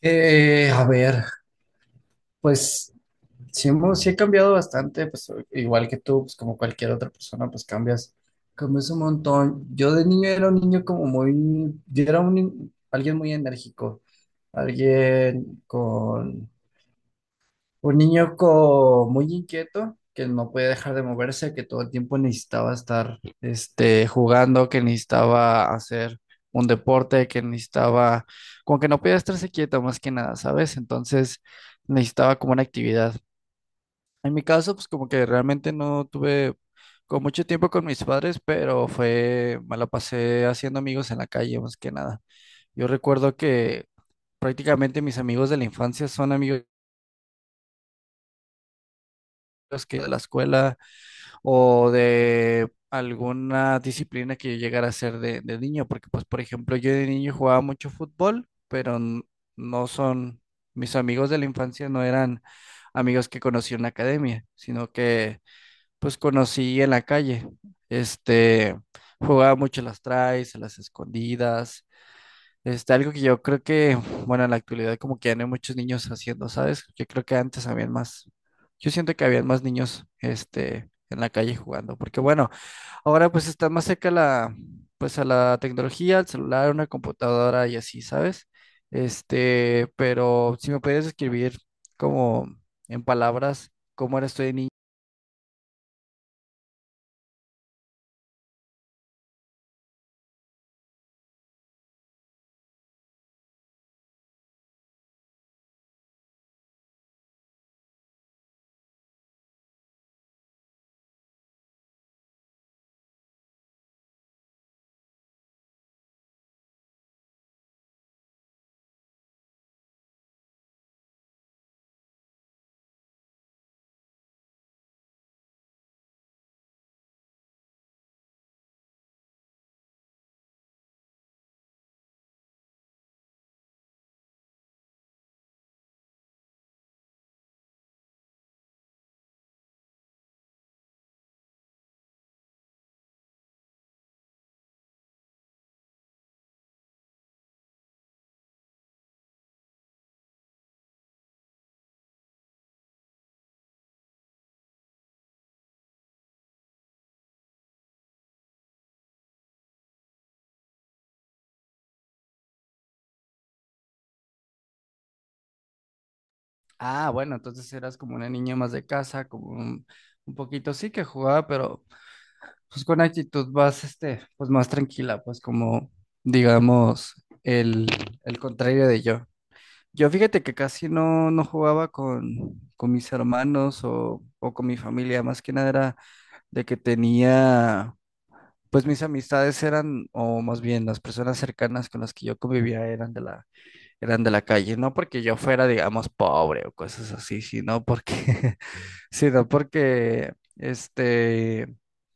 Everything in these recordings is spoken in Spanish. A ver, pues sí he cambiado bastante, pues igual que tú, pues como cualquier otra persona, pues cambias un montón. Yo de niño era un niño como muy, yo era un, ni- alguien muy enérgico, alguien con, un niño co- muy inquieto, que no podía dejar de moverse, que todo el tiempo necesitaba estar jugando, que necesitaba hacer un deporte, como que no podía estarse quieto más que nada, ¿sabes? Entonces necesitaba como una actividad. En mi caso, pues como que realmente no tuve con mucho tiempo con mis padres, me la pasé haciendo amigos en la calle más que nada. Yo recuerdo que prácticamente mis amigos de la infancia son amigos que de la escuela o de alguna disciplina que yo llegara a hacer de niño, porque pues por ejemplo yo de niño jugaba mucho fútbol, pero n- no son, mis amigos de la infancia no eran amigos que conocí en la academia, sino que pues conocí en la calle. Este, Jugaba mucho las traes, a las escondidas, algo que yo creo que, bueno, en la actualidad como que ya no hay muchos niños haciendo, ¿sabes? Yo siento que habían más niños, en la calle jugando, porque bueno, ahora pues está más cerca pues a la tecnología, al celular, una computadora y así, ¿sabes? Pero si me pudieras escribir como en palabras, ¿cómo eras tú de niño? Ah, bueno, entonces eras como una niña más de casa, como un poquito sí que jugaba, pero pues con actitud vas, pues más tranquila, pues como, digamos, el, el contrario de yo. Yo fíjate que casi no jugaba con mis hermanos o con mi familia, más que nada era de que tenía, pues o más bien las personas cercanas con las que yo convivía eran de la calle, no porque yo fuera, digamos, pobre o cosas así, sino porque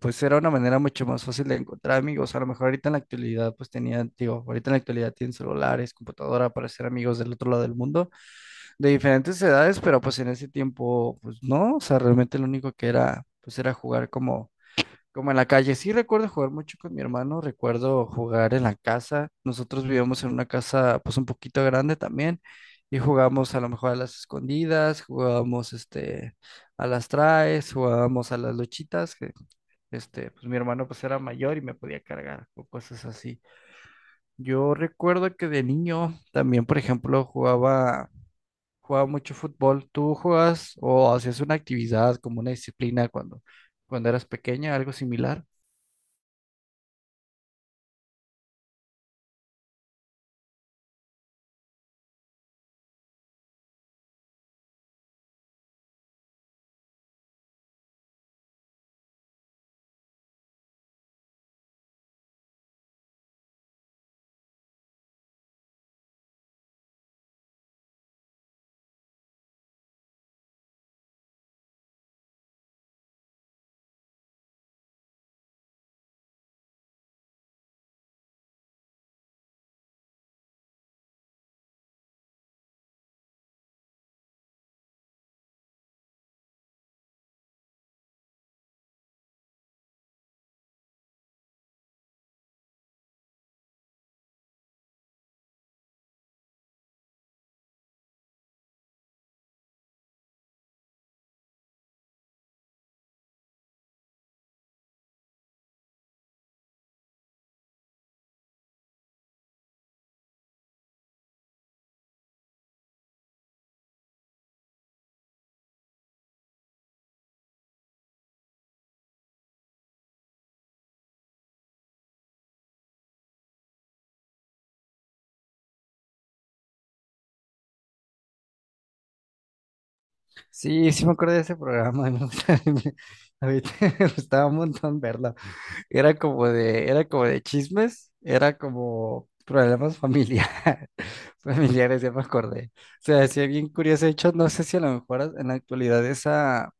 pues era una manera mucho más fácil de encontrar amigos. A lo mejor ahorita en la actualidad, pues tenían, digo, ahorita en la actualidad tienen celulares, computadora para ser amigos del otro lado del mundo, de diferentes edades, pero pues en ese tiempo, pues no, o sea, realmente lo único que era, pues era jugar como en la calle. Sí recuerdo jugar mucho con mi hermano, recuerdo jugar en la casa. Nosotros vivíamos en una casa pues un poquito grande también y jugamos a lo mejor a las escondidas, jugábamos a las traes, jugábamos a las luchitas, que pues mi hermano pues era mayor y me podía cargar o cosas así. Yo recuerdo que de niño también, por ejemplo, jugaba mucho fútbol. ¿Tú jugabas o hacías una actividad como una disciplina cuando eras pequeña, algo similar? Sí, sí me acuerdo de ese programa, a mí me gustaba un montón verlo. Era como de chismes, era como problemas familiares, familiares, ya me acordé. O sea, hacía bien curioso. De hecho, no sé si a lo mejor en la actualidad esa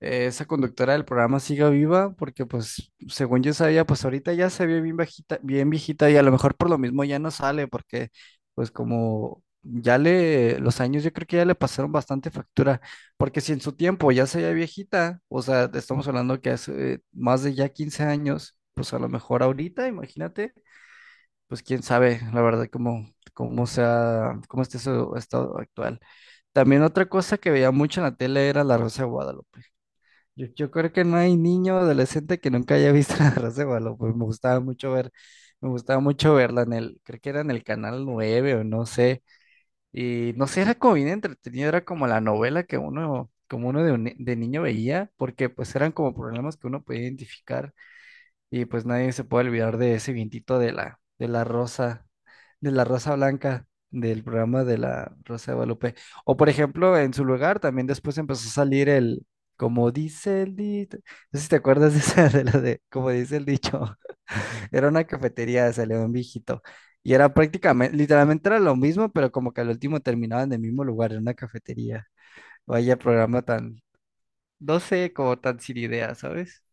eh, esa conductora del programa siga viva, porque pues según yo sabía, pues ahorita ya se ve bien viejita y a lo mejor por lo mismo ya no sale, porque pues como ya le, los años yo creo que ya le pasaron bastante factura, porque si en su tiempo ya se veía viejita, o sea, te estamos hablando que hace más de ya 15 años. Pues a lo mejor ahorita, imagínate, pues quién sabe, la verdad, cómo sea, cómo esté su estado actual. También otra cosa que veía mucho en la tele era La Rosa de Guadalupe. Yo creo que no hay niño o adolescente que nunca haya visto la Rosa de Guadalupe. Me gustaba mucho verla, creo que era en el canal 9 o no sé. Y no sé, era como bien entretenido, era como la novela que uno, como uno de, un ni- de niño veía, porque pues eran como problemas que uno podía identificar. Y pues nadie se puede olvidar de ese vientito de la rosa blanca del programa de la Rosa de Guadalupe. O por ejemplo, en su lugar también después empezó a salir como dice el dicho, no sé si te acuerdas de esa, como dice el dicho, era una cafetería, salió un viejito. Y era prácticamente, literalmente era lo mismo, pero como que al último terminaba en el mismo lugar, en una cafetería. Vaya programa tan, no sé, como tan sin idea, ¿sabes?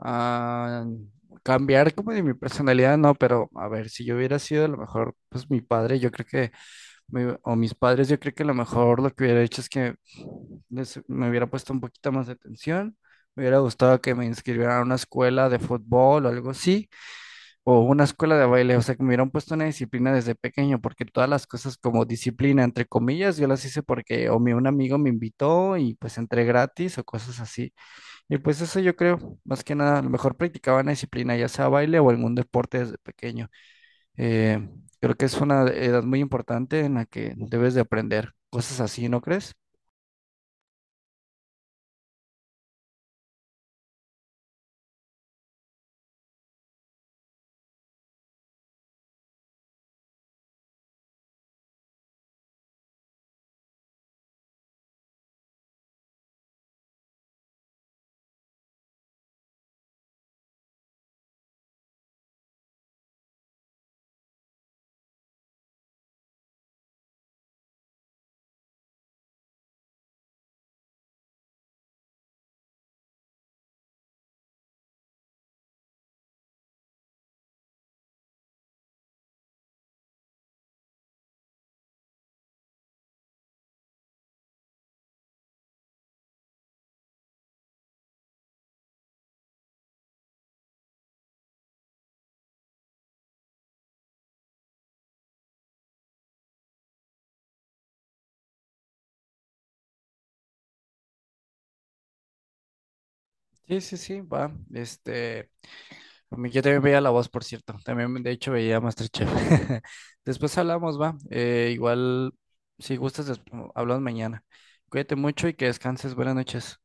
Ah, cambiar como de mi personalidad, no, pero a ver, si yo hubiera sido a lo mejor, pues mi padre, yo creo que, o mis padres, yo creo que a lo mejor lo que hubiera hecho es que me hubiera puesto un poquito más de atención, me hubiera gustado que me inscribieran a una escuela de fútbol o algo así, o una escuela de baile, o sea, que me hubieran puesto una disciplina desde pequeño, porque todas las cosas como disciplina, entre comillas, yo las hice porque o mi, un amigo me invitó y pues entré gratis o cosas así. Y pues eso yo creo, más que nada, a lo mejor practicaba una disciplina, ya sea baile o algún deporte desde pequeño. Eh, Creo que es una edad muy importante en la que debes de aprender cosas así, ¿no crees? Sí, sí, sí, va. Yo también veía La Voz, por cierto. También, de hecho, veía MasterChef. Después hablamos, va. Igual, si gustas, hablamos mañana. Cuídate mucho y que descanses. Buenas noches.